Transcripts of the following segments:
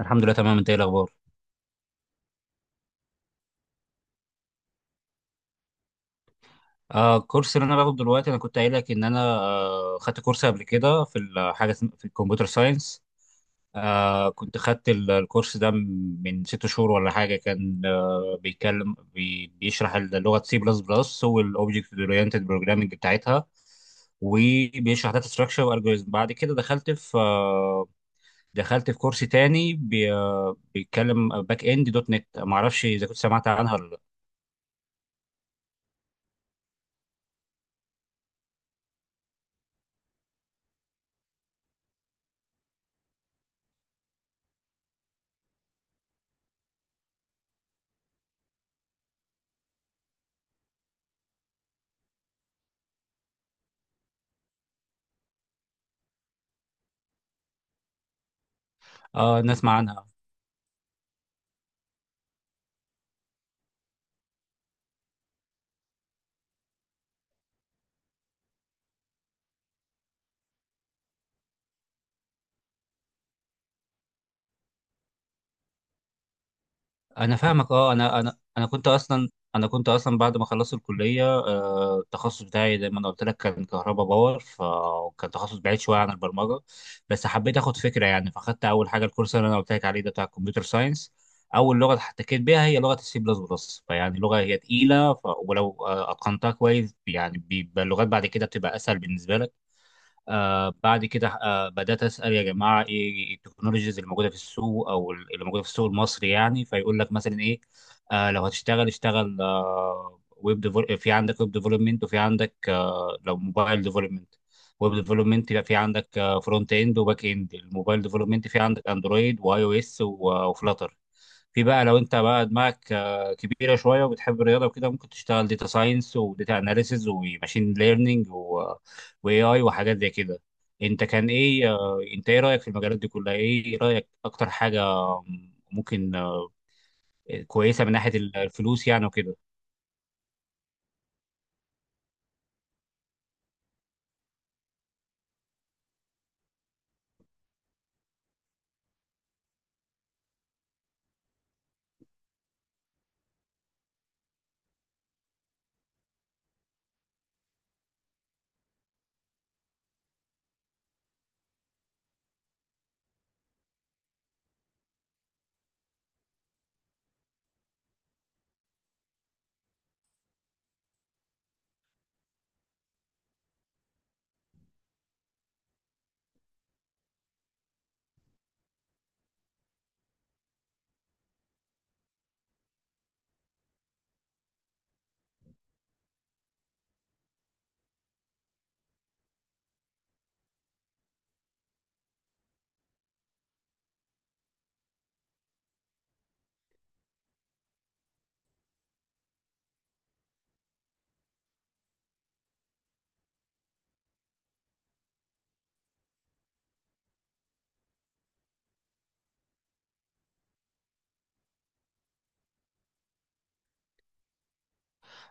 الحمد لله، تمام. انت ايه الاخبار؟ الكورس اللي انا باخده دلوقتي، انا كنت قايل لك ان انا خدت كورس قبل كده في في الكمبيوتر ساينس. كنت خدت الكورس ده من 6 شهور ولا حاجه، كان بيتكلم بيشرح اللغه سي بلس بلس والاوبجكت اورينتد بروجرامنج بتاعتها، وبيشرح داتا ستراكشر والجوريزم. بعد كده دخلت في كورس تاني بي آه بيتكلم باك اند دوت نت. ما اعرفش اذا كنت سمعت عنها ولا لا. اه، نسمع عنها. انا فاهمك. انا كنت اصلا بعد ما خلصت الكليه، التخصص بتاعي زي ما انا قلت لك كان كهرباء باور، فكان تخصص بعيد شويه عن البرمجه. بس حبيت اخد فكره يعني، فاخدت اول حاجه الكورس اللي انا قلت لك عليه ده بتاع الكمبيوتر ساينس. اول لغه احتكيت بيها هي لغه السي بلس بلس، فيعني لغه هي تقيله. ف... ولو اتقنتها كويس يعني بيبقى اللغات بعد كده بتبقى اسهل بالنسبه لك. بعد كده بدأت أسأل يا جماعة، إيه التكنولوجيز اللي موجودة في السوق أو اللي موجودة في السوق المصري يعني؟ فيقول لك مثلا إيه؟ لو هتشتغل اشتغل، في عندك ويب ديفلوبمنت، وفي عندك لو موبايل ديفلوبمنت. ويب ديفلوبمنت يبقى في عندك فرونت اند وباك اند. الموبايل ديفلوبمنت في عندك اندرويد واي او اس وفلاتر. في بقى لو انت بقى دماغك كبيره شويه وبتحب الرياضه وكده، ممكن تشتغل داتا ساينس وداتا اناليسز وماشين ليرنينج واي اي وحاجات زي كده. انت كان ايه، انت ايه رايك في المجالات دي كلها؟ ايه رايك اكتر حاجه ممكن كويسه من ناحيه الفلوس يعني وكده؟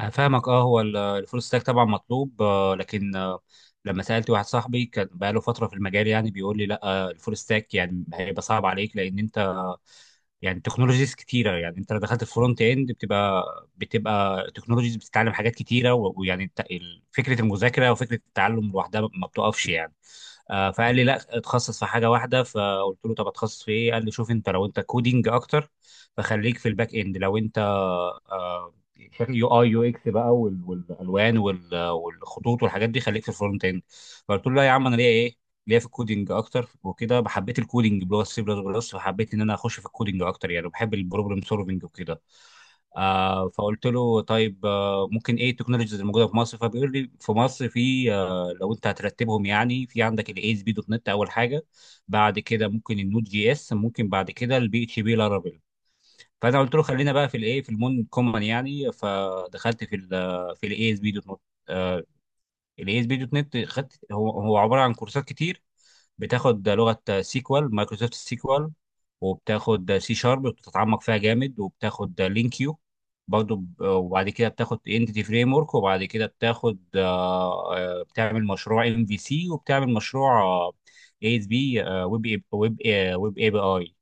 انا فاهمك. اه، الفول ستاك طبعا مطلوب، لكن لما سالت واحد صاحبي كان بقاله فتره في المجال يعني، بيقول لي لا، الفول ستاك يعني هيبقى صعب عليك، لان انت يعني تكنولوجيز كتيره. يعني انت لو دخلت الفرونت اند بتبقى، تكنولوجيز، بتتعلم حاجات كتيره، ويعني فكره المذاكره وفكره التعلم لوحدها ما بتقفش يعني. فقال لي لا، اتخصص في حاجه واحده. فقلت له طب اتخصص في ايه؟ قال لي شوف، انت لو انت كودينج اكتر فخليك في الباك اند. لو انت يو اي يو اكس بقى وال- والالوان وال- والخطوط والحاجات دي، خليك في الفرونت اند. فقلت له لا يا عم، انا ليا ايه، ليا في الكودينج اكتر وكده. حبيت الكودينج بلغه سي بلس بلس، فحبيت ان انا اخش في الكودينج اكتر يعني، بحب البروبلم سولفنج وكده. فقلت له طيب، ممكن ايه التكنولوجيز اللي موجوده في مصر؟ فبيقول لي في مصر، في لو انت هترتبهم يعني، في عندك الاي اس بي دوت نت اول حاجه، بعد كده ممكن النود جي اس، ممكن بعد كده البي اتش بي لارافيل. فانا قلت له خلينا بقى في الايه، في المون كومن يعني. فدخلت في ال في الاي اس بي دوت نت. الاي اس بي دوت نت خدت، هو عباره عن كورسات كتير. بتاخد لغه سيكوال، مايكروسوفت سيكوال، وبتاخد سي شارب بتتعمق فيها جامد، وبتاخد لينكيو برضه. وبعد كده بتاخد انتيتي فريم ورك، وبعد كده بتاخد بتعمل مشروع ام في سي، وبتعمل مشروع اي اس بي ويب، ويب اي بي اي.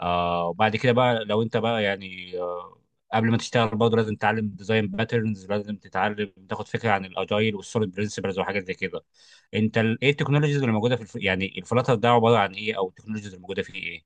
وبعد كده بقى لو انت بقى يعني، قبل ما تشتغل برضه لازم تتعلم ديزاين باترنز، لازم تتعلم تاخد فكره عن الاجايل والسوليد برنسبلز وحاجات زي كده. انت ايه التكنولوجيز اللي موجوده في يعني الفلاتر ده عباره عن ايه، او التكنولوجيز اللي موجوده فيه ايه؟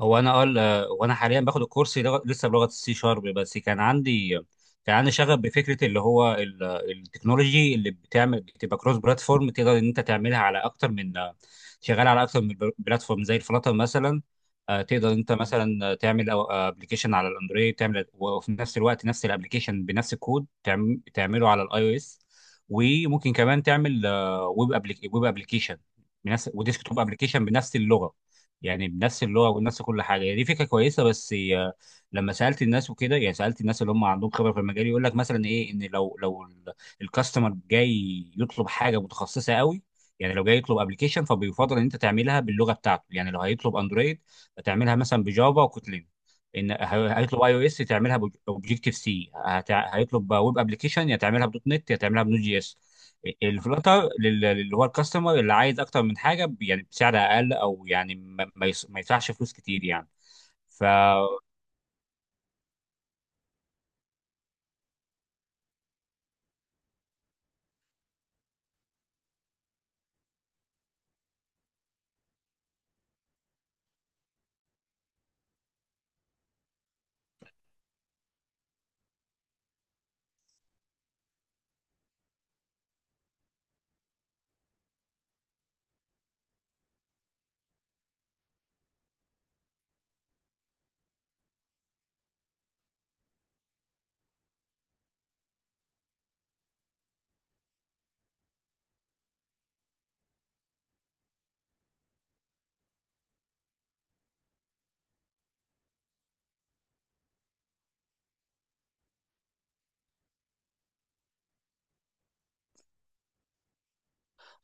هو انا حاليا باخد الكورس لسه بلغه السي شارب. بس كان عندي شغف بفكره اللي هو التكنولوجي اللي بتعمل بتبقى كروس بلاتفورم، تقدر ان انت تعملها على اكتر من، شغال على اكتر من بلاتفورم زي الفلاتر مثلا. تقدر انت مثلا تعمل ابلكيشن على الاندرويد تعمل، وفي نفس الوقت نفس الابلكيشن بنفس الكود تعمله على الاي او اس. وممكن كمان تعمل ويب، ويب ابلكيشن بنفس، وديسك توب ابلكيشن بنفس اللغه. يعني بنفس اللغه وبنفس كل حاجه. يعني دي فكره كويسه، بس هي لما سالت الناس وكده يعني، سالت الناس اللي هم عندهم خبره في المجال، يقول لك مثلا ايه، ان لو الكاستمر جاي يطلب حاجه متخصصه قوي، يعني لو جاي يطلب ابلكيشن فبيفضل ان انت تعملها باللغه بتاعته. يعني لو هيطلب اندرويد فتعملها مثلا بجافا وكوتلين. ان هيطلب اي او اس تعملها اوبجيكتيف سي. هيطلب ويب ابلكيشن يا تعملها بدوت نت يا تعملها بنود جي اس. الفلاتر اللي هو الكاستمر اللي عايز اكتر من حاجه، يعني بسعر اقل، او يعني ما يدفعش فلوس كتير يعني. ف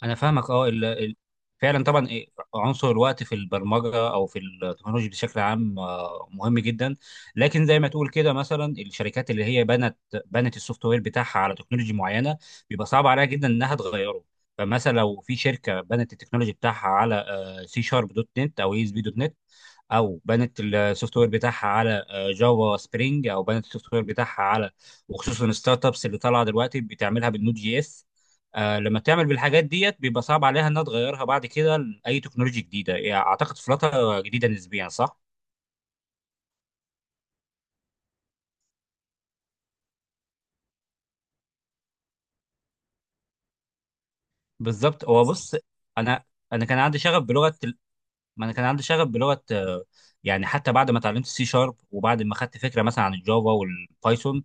انا فاهمك. اه فعلا طبعا إيه، عنصر الوقت في البرمجه او في التكنولوجيا بشكل عام مهم جدا. لكن زي ما تقول كده مثلا، الشركات اللي هي بنت السوفت وير بتاعها على تكنولوجيا معينه، بيبقى صعب عليها جدا انها تغيره. فمثلا لو في شركه بنت التكنولوجي بتاعها على سي شارب دوت نت او اي اس بي دوت نت، او بنت السوفت وير بتاعها على جافا سبرينج، او بنت السوفت وير بتاعها على، وخصوصا الستارت ابس اللي طالعه دلوقتي بتعملها بالنود جي اس. لما تعمل بالحاجات ديت، بيبقى صعب عليها انها تغيرها بعد كده لاي تكنولوجيا جديده. يعني اعتقد فلاتر جديده نسبيا صح؟ بالظبط. هو بص، انا انا كان عندي شغف بلغه، ما انا كان عندي شغف بلغه يعني حتى بعد ما اتعلمت السي شارب، وبعد ما خدت فكره مثلا عن الجافا والبايثون.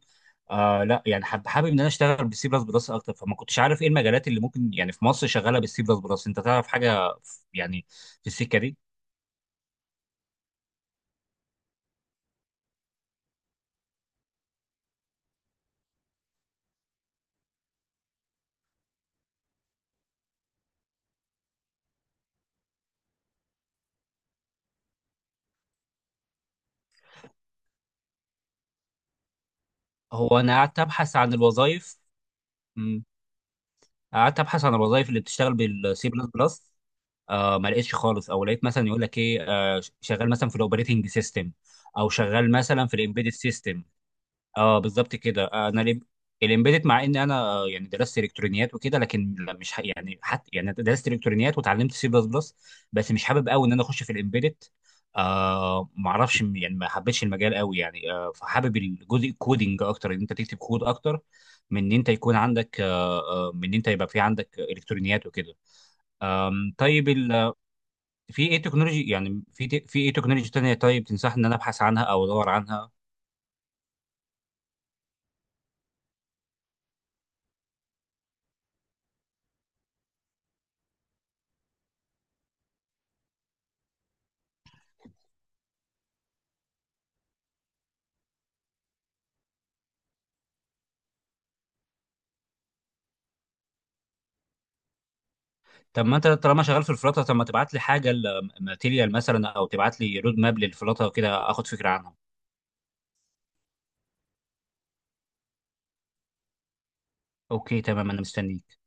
لا يعني حابب ان انا اشتغل بالسي بلس بلس اكتر. فما كنتش عارف ايه المجالات اللي ممكن يعني في مصر شغاله بالسي بلس بلس. انت تعرف حاجه يعني في السكه دي؟ هو انا قعدت ابحث عن الوظائف. مم. قعدت ابحث عن الوظائف اللي بتشتغل بالسي بلس بلس، ما لقيتش خالص. او لقيت مثلا يقول لك ايه، شغال مثلا في الاوبريتنج سيستم، او شغال مثلا في الامبيدد سيستم. اه، بالظبط كده. الامبيدد، مع ان انا يعني درست الكترونيات وكده، لكن لا، مش ح... يعني حتى يعني درست الكترونيات وتعلمت سي بلس بلس، بس مش حابب قوي ان انا اخش في الامبيدد. ما اعرفش يعني، ما حبيتش المجال قوي يعني. فحابب الجزء الكودينج اكتر، ان انت تكتب كود اكتر من ان انت يكون عندك من ان انت يبقى في عندك الكترونيات وكده. طيب في ايه تكنولوجي يعني، في ايه تكنولوجي تانية طيب تنصحني ان انا ابحث عنها او ادور عنها؟ طب ما انت طالما شغال في الفلاتر، طب ما تبعت لي حاجه ماتيريال مثلا، او تبعت لي رود ماب للفلاتر كده اخد فكره عنها. اوكي تمام، انا مستنيك.